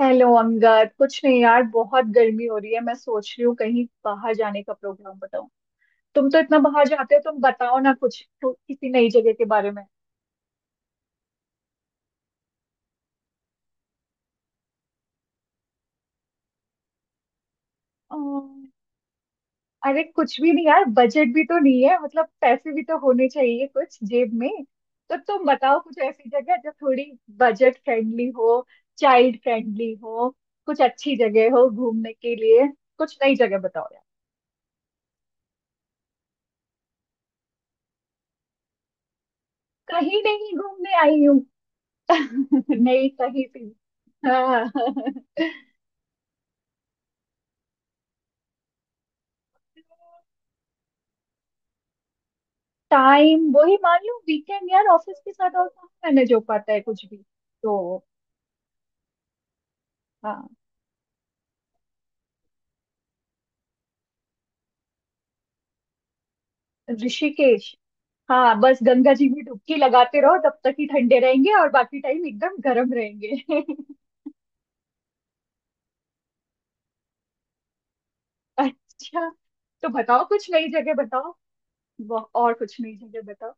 Hello Angad. कुछ नहीं यार, बहुत गर्मी हो रही है। मैं सोच रही हूँ कहीं बाहर जाने का, प्रोग्राम बताओ। तुम तो इतना बाहर जाते हो, तुम बताओ ना कुछ तो किसी नई जगह के बारे में। अम्म, अरे कुछ भी नहीं यार, बजट भी तो नहीं है, मतलब पैसे भी तो होने चाहिए कुछ जेब में। तो तुम बताओ कुछ ऐसी जगह जो थोड़ी बजट फ्रेंडली हो, चाइल्ड फ्रेंडली हो, कुछ अच्छी जगह हो घूमने के लिए। कुछ नई जगह बताओ यार। कहीं नहीं घूमने आई हूँ। नहीं, सही थी। हाँ। टाइम वही मान लो वीकेंड यार, ऑफिस के साथ और कहाँ मैनेज हो पाता है कुछ भी। तो हाँ, ऋषिकेश। हाँ, बस गंगा जी में डुबकी लगाते रहो तब तक ही ठंडे रहेंगे और बाकी टाइम एकदम गर्म रहेंगे अच्छा, तो बताओ कुछ नई जगह बताओ। और कुछ नई जगह बताओ।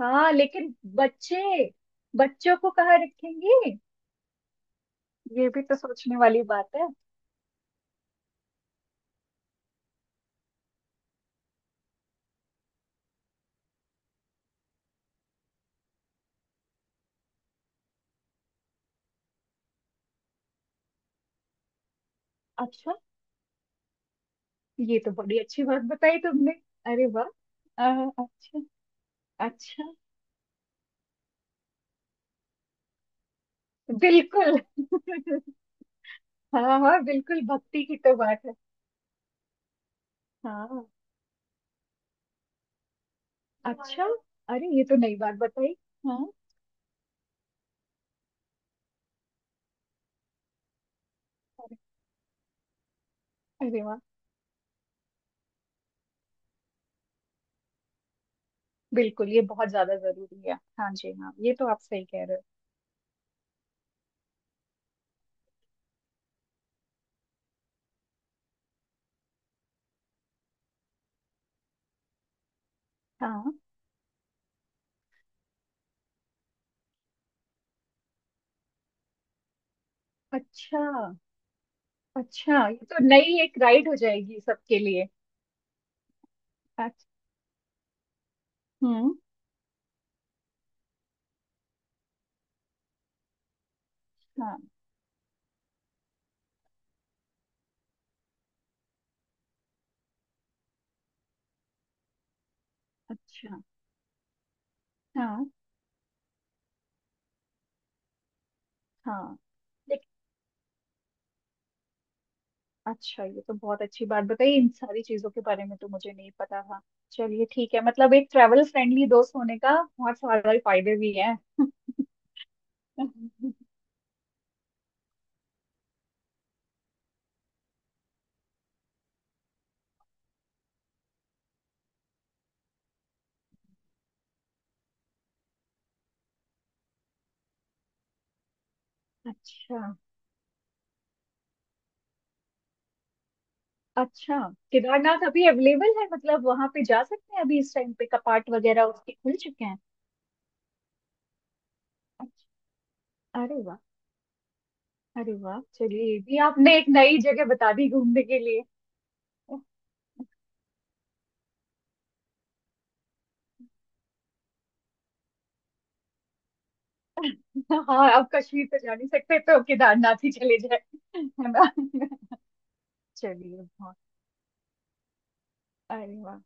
हाँ लेकिन बच्चे, बच्चों को कहाँ रखेंगे? ये भी तो सोचने वाली बात है। अच्छा, ये तो बड़ी अच्छी बात बताई तुमने। अरे वाह। अच्छा। अच्छा। बिल्कुल हाँ हाँ बिल्कुल, भक्ति की तो बात है। हाँ। अच्छा। अरे ये तो नई बात बताई। हाँ। अरे। अरे वाह। बिल्कुल ये बहुत ज्यादा जरूरी है। हाँ जी, हाँ ये तो आप सही कह रहे हो। हाँ। अच्छा। अच्छा, ये तो नई एक राइड हो जाएगी सबके लिए। अच्छा। हम्म। हाँ। अच्छा। हाँ हाँ। अच्छा, ये तो बहुत अच्छी बात बताई, इन सारी चीजों के बारे में तो मुझे नहीं पता था। चलिए ठीक है, मतलब एक ट्रैवल फ्रेंडली दोस्त होने का बहुत सारे फायदे भी हैं। अच्छा। अच्छा, केदारनाथ अभी अवेलेबल है, मतलब वहां पे जा सकते हैं अभी इस टाइम पे? कपाट वगैरह उसके खुल चुके हैं? अच्छा। अरे वाह। अरे वाह, चलिए ये भी आपने एक नई जगह बता दी घूमने के लिए। हाँ, अब कश्मीर तो जा नहीं सकते तो केदारनाथ ही चले जाए। है ना? चलिए बहुत। अरे वाह।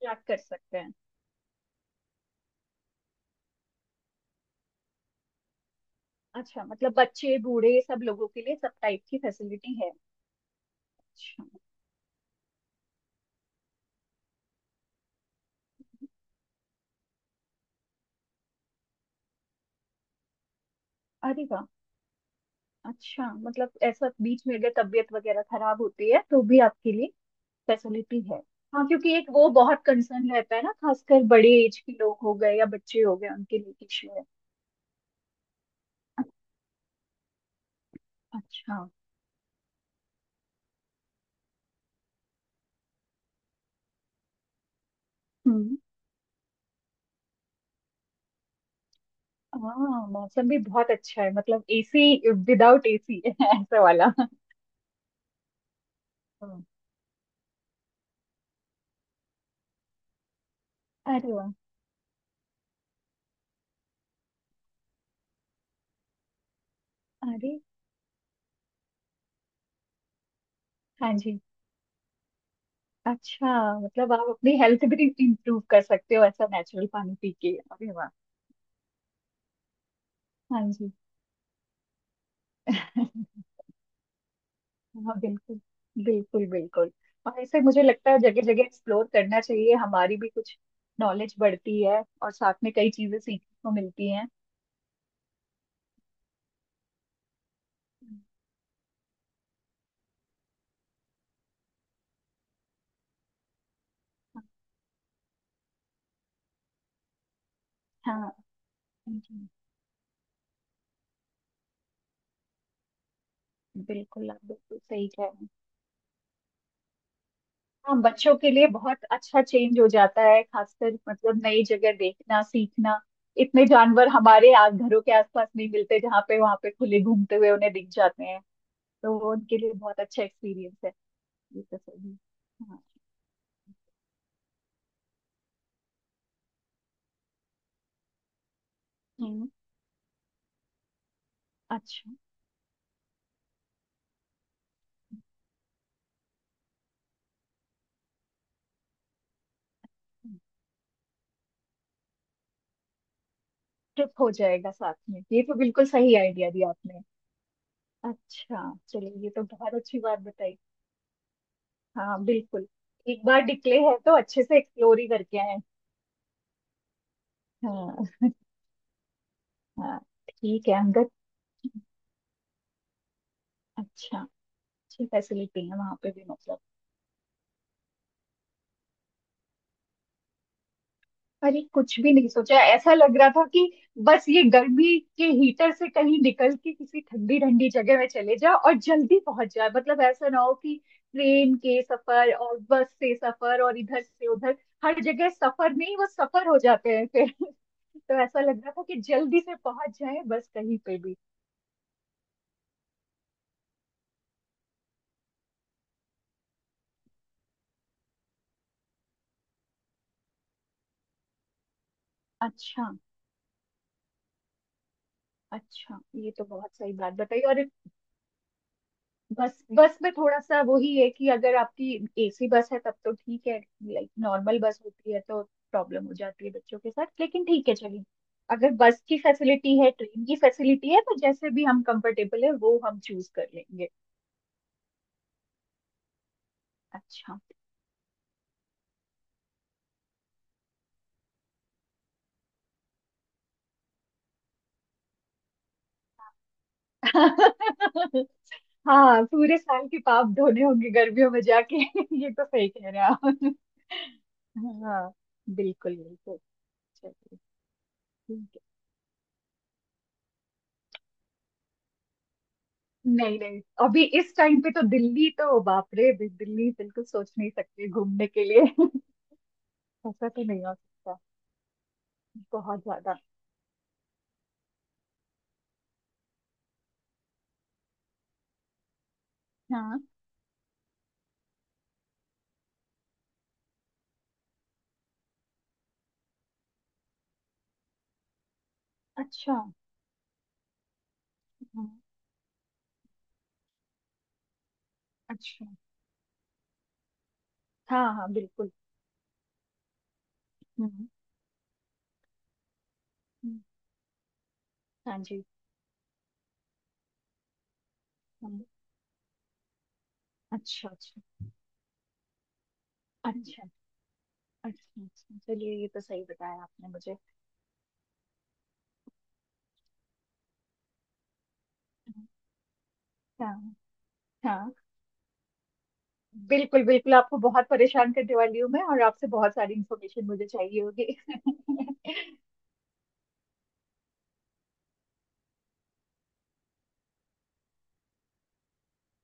ट्रैक कर सकते हैं। अच्छा, मतलब बच्चे बूढ़े सब लोगों के लिए सब टाइप की फैसिलिटी है। अच्छा। अरे वाह। अच्छा, मतलब ऐसा बीच में अगर तबीयत वगैरह खराब होती है तो भी आपके लिए फैसिलिटी है। हाँ, क्योंकि एक वो बहुत कंसर्न रहता है ना, खासकर बड़े एज के लोग हो गए या बच्चे हो गए, उनके लिए इश्यू है। अच्छा। हम्म। हाँ, मौसम भी बहुत अच्छा है, मतलब एसी विदाउट एसी ऐसा वाला। हम्म। अरे वाह। अरे। हाँ जी। अच्छा, मतलब आप अपनी हेल्थ भी इंप्रूव कर सकते हो ऐसा नेचुरल पानी पी के। अरे वाह। हाँ जी। हाँ बिल्कुल। बिल्कुल बिल्कुल। और ऐसे मुझे लगता है जगह जगह एक्सप्लोर करना चाहिए, हमारी भी कुछ नॉलेज बढ़ती है और साथ में कई चीजें सीखने को मिलती हैं। हाँ। हाँ जी। बिल्कुल, आप बिल्कुल सही कह रहे हैं। हाँ, बच्चों के लिए बहुत अच्छा चेंज हो जाता है, खासकर मतलब नई जगह देखना सीखना। इतने जानवर हमारे घरों के आसपास नहीं मिलते, जहाँ पे वहाँ पे खुले घूमते हुए उन्हें दिख जाते हैं। तो वो उनके लिए बहुत अच्छा एक्सपीरियंस है। ये तो सही। हाँ। हम्म। अच्छा। ट्रिप हो जाएगा साथ में, ये तो बिल्कुल सही आइडिया दिया आपने। अच्छा, चलिए ये तो बहुत अच्छी बात बताई। हाँ बिल्कुल, एक बार निकले हैं तो अच्छे से एक्सप्लोर ही करके आए। हाँ। हाँ। ठीक है अंगद। अच्छा। अच्छी फैसिलिटी है वहां पे भी मतलब। अरे कुछ भी नहीं सोचा, ऐसा लग रहा था कि बस ये गर्मी के हीटर से कहीं निकल के किसी ठंडी ठंडी जगह में चले जाओ और जल्दी पहुंच जाए, मतलब ऐसा ना हो कि ट्रेन के सफर और बस से सफर और इधर से उधर हर जगह सफर नहीं, वो सफर हो जाते हैं फिर तो ऐसा लग रहा था कि जल्दी से पहुंच जाए बस कहीं पे भी। अच्छा। अच्छा, ये तो बहुत सही बात बताई। और बस, बस में थोड़ा सा वही है कि अगर आपकी एसी बस है तब तो ठीक है। लाइक नॉर्मल बस होती है तो प्रॉब्लम हो जाती है बच्चों के साथ, लेकिन ठीक है चलिए। अगर बस की फैसिलिटी है ट्रेन की फैसिलिटी है तो जैसे भी हम कंफर्टेबल है वो हम चूज कर लेंगे। अच्छा। हाँ, पूरे साल के पाप धोने होंगे गर्मियों में जाके ये तो सही कह रहे हैं आप। हाँ बिल्कुल। बिल्कुल चलिए। ठीक। नहीं नहीं, अभी इस टाइम पे तो दिल्ली तो, बाप रे, भी दिल्ली बिल्कुल सोच नहीं सकती घूमने के लिए ऐसा तो नहीं हो सकता। बहुत ज्यादा। हाँ। अच्छा। हाँ। अच्छा। हाँ हाँ बिल्कुल। हम्म। हम्म। हाँ जी। हम्म। अच्छा। अच्छा। अच्छा। अच्छा, अच्छा चलिए ये तो सही बताया आपने मुझे। हम्म। हाँ हाँ, बिल्कुल बिल्कुल, आपको बहुत परेशान करने वाली हूँ मैं और आपसे बहुत सारी इन्फॉर्मेशन मुझे चाहिए होगी।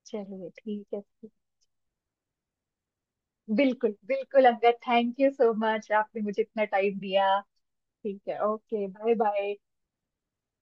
चलिए ठीक है। बिल्कुल बिल्कुल Angad, thank you so much, आपने मुझे इतना टाइम दिया। ठीक है, ओके बाय बाय।